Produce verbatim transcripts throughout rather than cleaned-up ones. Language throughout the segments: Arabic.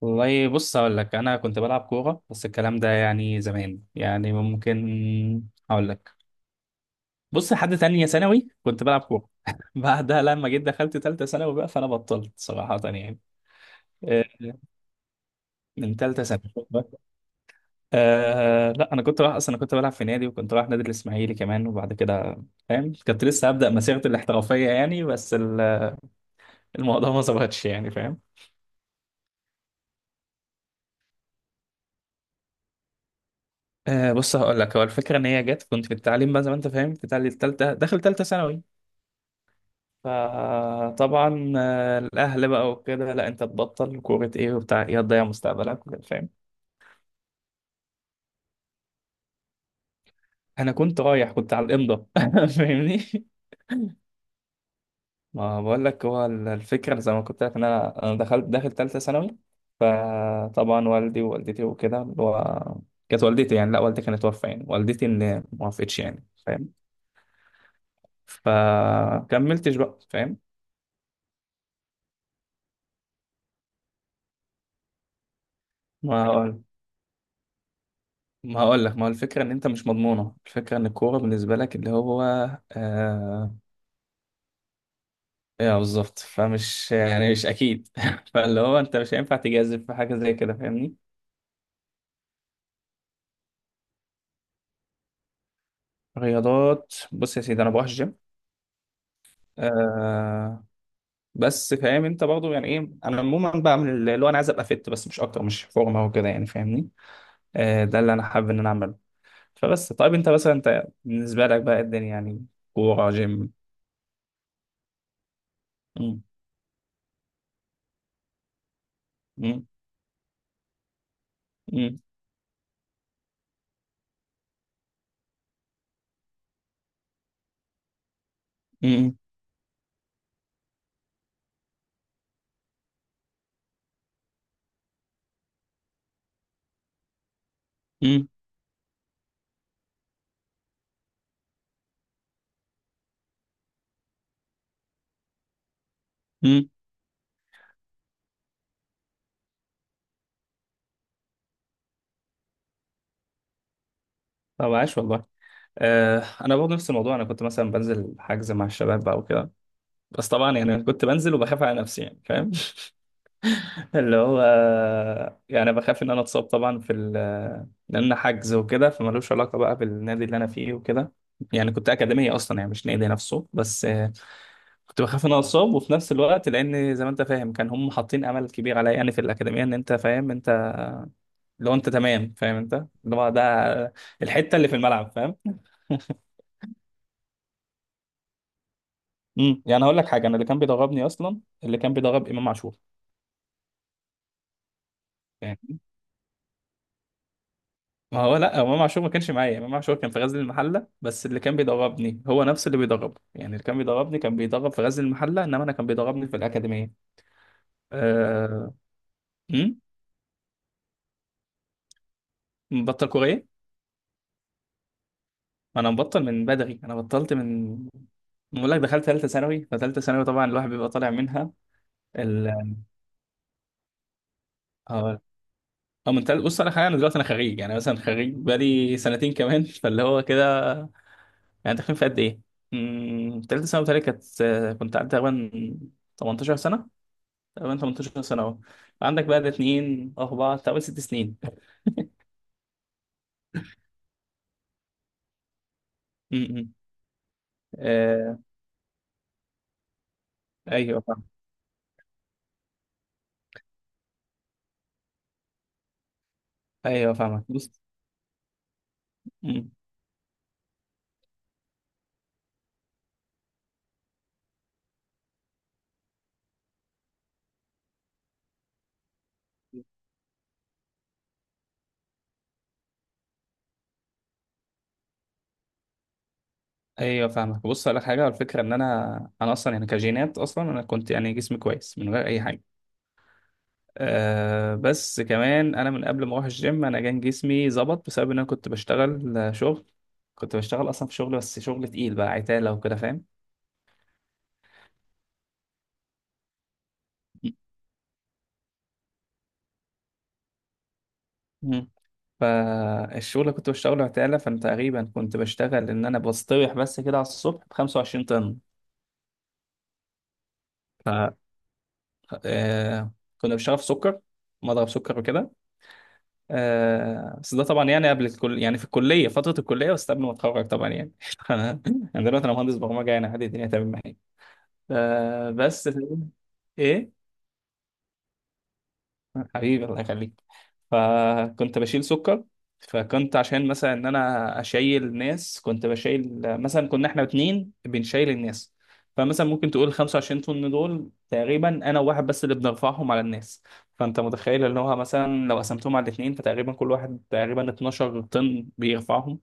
والله بص هقول لك انا كنت بلعب كوره، بس الكلام ده يعني زمان. يعني ممكن هقول لك، بص لحد تانية ثانوي كنت بلعب كوره. بعدها لما جيت دخلت تالتة ثانوي بقى فانا بطلت صراحه يعني. آه، من تالتة ثانوي. أه لا انا كنت رايح اصلا، انا كنت بلعب في نادي وكنت رايح نادي الاسماعيلي كمان. وبعد كده فاهم، كنت لسه هبدا مسيرتي الاحترافيه يعني، بس ال- الموضوع ما ظبطش يعني فاهم. أه بص هقول لك، هو الفكره ان هي جت كنت في التعليم بقى زي ما انت فاهم في تالتة تالتة- داخل تالتة ثانوي. فطبعا آه، الأهل بقى وكده، لا أنت تبطل كورة إيه وبتاع إيه، هتضيع مستقبلك وكده فاهم. أنا كنت رايح، كنت على الإمضة. فاهمني. ما بقول لك هو الفكرة زي ما كنت لك، إن أنا أنا دخلت داخل تالتة ثانوي. فطبعا والدي ووالدتي وكده، اللي هو كانت والدتي يعني، لا والدتي كانت توفى، يعني والدتي اللي ما وافقتش يعني فاهم. فكملتش بقى فاهم. ما هقول ما هقول لك، ما هو الفكرة إن أنت مش مضمونة، الفكرة إن الكورة بالنسبة لك اللي هو آه، ايه بالظبط. فمش يعني مش اكيد. فاللي هو انت مش هينفع تجازف في حاجه زي كده فاهمني. رياضات، بص يا سيدي انا بروح الجيم. آه بس فاهم انت برضه يعني ايه، انا عموما بعمل اللي هو، انا عايز ابقى فت بس، مش اكتر، مش فورمه وكده يعني فاهمني. آه ده اللي انا حابب ان انا اعمله. فبس طيب انت مثلا، انت بالنسبه لك بقى إيه الدنيا يعني، كوره، جيم؟ مم، مم، مم، مم، مم، مم. طب عاش والله. آه انا برضه نفس الموضوع، انا كنت مثلا بنزل حجز مع الشباب بقى وكده. بس طبعا يعني انا كنت بنزل وبخاف على نفسي يعني فاهم. اللي هو يعني بخاف ان انا اتصاب طبعا في ال لان حجز وكده، فمالوش علاقه بقى بالنادي اللي انا فيه وكده. يعني كنت اكاديميه اصلا يعني، مش نادي نفسه. بس آه، كنت بخاف ان انا اتصاب، وفي نفس الوقت لان زي ما انت فاهم كان هم حاطين امل كبير عليا يعني في الاكاديميه، ان انت فاهم انت، لو انت تمام فاهم انت اللي هو ده الحته اللي في الملعب فاهم. امم يعني هقول لك حاجه، انا اللي كان بيدربني اصلا اللي كان بيدرب امام عاشور. يعني. ما هو لا، امام عاشور ما كانش معايا، امام عاشور كان في غزل المحله، بس اللي كان بيدربني هو نفس اللي بيدربه. يعني اللي كان بيدربني كان بيدرب في غزل المحله، انما انا كان بيدربني في الاكاديميه. أه... أمم؟ مبطل كوريه. انا مبطل من بدري، انا بطلت من، بقول لك دخلت ثالثه ثانوي فثالثه ثانوي طبعا الواحد بيبقى طالع منها. ال اه أو من تل... بص انا حاليا، انا دلوقتي انا خريج يعني، مثلا خريج بقالي سنتين كمان. فاللي هو كده، يعني تخين في قد ايه؟ أمم، ثالثه ثانوي بتهيألي كانت، آه، كنت قعدت تقريبا تمنتاشر سنه، تقريبا تمنتاشر سنة اهو. عندك بقى ده اتنين أربعة تقريبا ست سنين. م- م. آه، أيوه فاهم. أيوه فاهمك بص. م. أيوه فاهمك بص، أقول لك حاجة، الفكرة إن أنا، أنا أصلا يعني كجينات، أصلا أنا كنت يعني جسمي كويس من غير أي حاجة. أه بس كمان أنا من قبل ما أروح الجيم، أنا كان جسمي ظبط بسبب إن أنا كنت بشتغل شغل. كنت بشتغل أصلا في شغل، بس شغل تقيل بقى، عتالة وكده فاهم. فالشغل اللي كنت بشتغله عتالة، فأنا تقريبا كنت بشتغل إن أنا بستريح بس كده على الصبح بخمسة وعشرين طن. ف آه، كنا بنشتغل في سكر، مضرب سكر وكده. آه، بس ده طبعا يعني قبل الكل، يعني في الكلية، فترة الكلية بس قبل ما أتخرج طبعا يعني. أنا أنا دلوقتي أنا مهندس برمجة يعني، عادي الدنيا تمام معايا. آه، بس إيه؟ حبيبي الله يخليك. فكنت بشيل سكر، فكنت عشان مثلا ان انا اشيل الناس كنت بشيل، مثلا كنا احنا اتنين بنشيل الناس. فمثلا ممكن تقول خمسة وعشرين طن دول تقريبا انا وواحد بس اللي بنرفعهم على الناس. فانت متخيل ان هو مثلا لو قسمتهم على الاتنين، فتقريبا كل واحد تقريبا اتناشر طن بيرفعهم.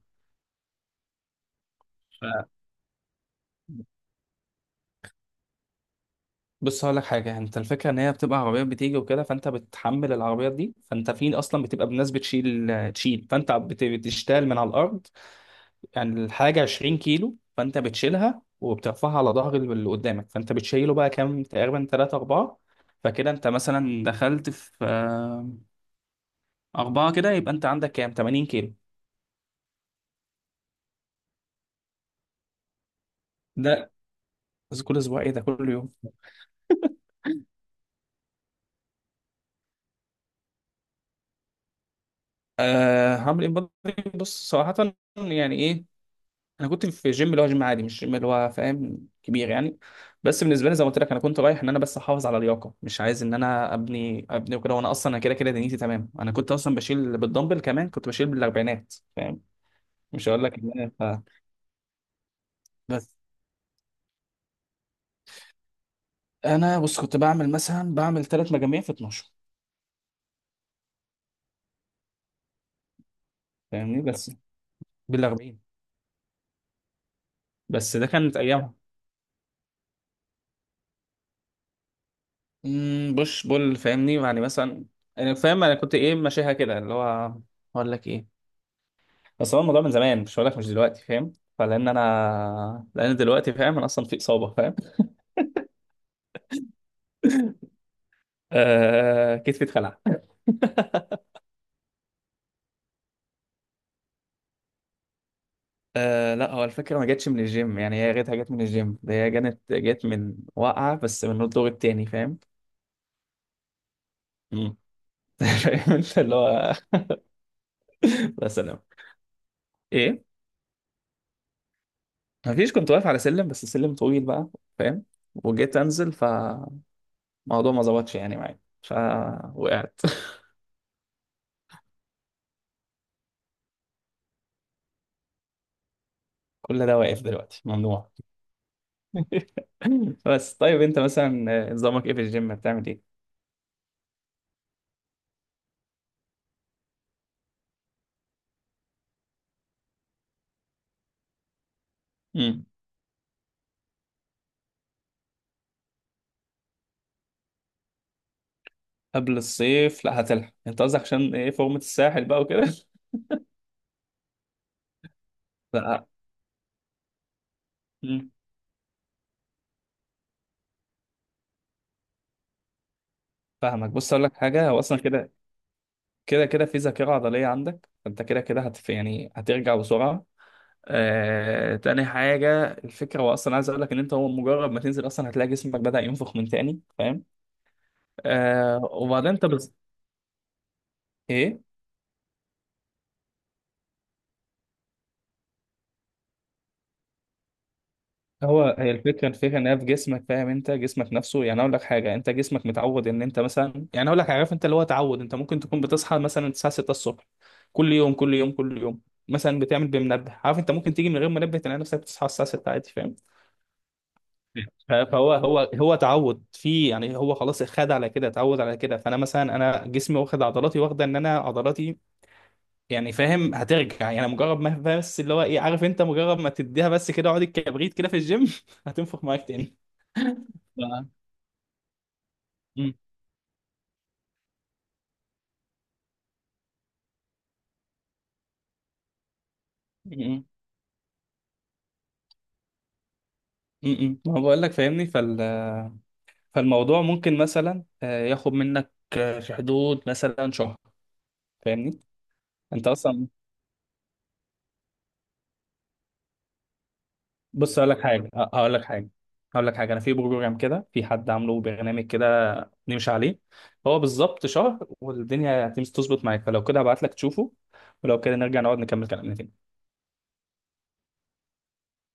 ف- بص هقول لك حاجه، انت الفكره ان هي بتبقى عربيات بتيجي وكده، فانت بتحمل العربيات دي. فانت في اصلا بتبقى بناس بتشيل تشيل، فانت بت- بتشتغل من على الارض. يعني الحاجة عشرين كيلو، فأنت بتشيلها وبترفعها على ظهر اللي قدامك، فأنت بتشيله بقى كام، تقريبا تلاتة أربعة. فكده أنت مثلا دخلت في آه، أربعة، كده يبقى أنت عندك كام، تمانين كيلو. ده كل أسبوع إيه، ده كل يوم. أه هعمل إيه بقى؟ بص صراحة يعني إيه، انا كنت في جيم اللي هو جيم عادي، مش جيم اللي هو فاهم كبير يعني. بس بالنسبه لي زي ما قلت لك، انا كنت رايح ان انا بس احافظ على اللياقه، مش عايز ان انا ابني ابني وكده، وانا اصلا انا كده كده دنيتي تمام. انا كنت اصلا بشيل بالدمبل كمان، كنت بشيل بالاربعينات فاهم. مش هقول لك ان انا ف... بس انا بص كنت بعمل مثلا بعمل ثلاث مجاميع في اتناشر فاهمني. بس بالاربعين. بس ده كانت ايامها. امم، بوش بول فاهمني. يعني مثلا انا فاهم انا كنت ايه ماشيها كده اللي هو اقول لك ايه، بس هو الموضوع من زمان، مش هقول لك مش دلوقتي فاهم. فلان انا لان دلوقتي فاهم انا اصلا في اصابه فاهم. آه كتفي اتخلع. آه لا هو الفكره ما جاتش من الجيم، يعني هي جاتها، جت من الجيم ده، هي جت جت من وقعه، بس من الدور التاني فاهم. مم. فاهم انت اللي هو، لا سلام، ايه، ما فيش، كنت واقف على سلم بس السلم طويل بقى فاهم. وجيت انزل فالموضوع ما ظبطش يعني معايا فوقعت. كل ده واقف دلوقتي ممنوع. بس طيب انت مثلا آه، نظامك ايه في الجيم، بتعمل ايه؟ مم. قبل الصيف؟ لا هتلحق، انت قصدك عشان ايه، فورمة الساحل بقى وكده. لا. مم. فاهمك بص اقول لك حاجة، هو اصلا كده كده، كده في ذاكرة عضلية عندك، فانت كده كده هت يعني هترجع بسرعة. آه... تاني حاجة الفكرة، هو اصلا عايز اقول لك ان انت هو مجرد ما تنزل اصلا هتلاقي جسمك بدأ ينفخ من تاني فاهم. آه... وبعدين انت بس ايه، هو هي الفكره، الفكره ان هي في جسمك فاهم، انت جسمك نفسه يعني اقول لك حاجه، انت جسمك متعود ان انت مثلا، يعني اقول لك عارف انت اللي هو تعود، انت ممكن تكون بتصحى مثلا الساعه ستة الصبح كل يوم كل يوم كل يوم، مثلا بتعمل بمنبه، عارف انت ممكن تيجي من غير منبه تلاقي نفسك بتصحى الساعه ستة عادي فاهم. ف- فهو هو هو تعود في، يعني هو خلاص خد على كده، اتعود على كده. فانا مثلا انا جسمي واخد، عضلاتي واخده ان انا عضلاتي يعني فاهم، هترجع يعني مجرد ما بس اللي هو ايه، عارف انت مجرد ما تديها بس كده، اقعد الكبريت كده في الجيم. هتنفخ معاك تاني. مم. مم. مم. ما بقول لك فاهمني فال... فالموضوع ممكن مثلا آه، ياخد منك آه، في حدود مثلا شهر فاهمني. انت اصلا بص اقول لك حاجه، أه، هقول لك حاجه هقول لك حاجه، انا في بروجرام كده، في حد عامله برنامج كده نمشي عليه. هو بالظبط شهر والدنيا هتمشي تظبط معاك. فلو كده هبعت لك تشوفه، ولو كده نرجع نقعد نكمل كلامنا تاني.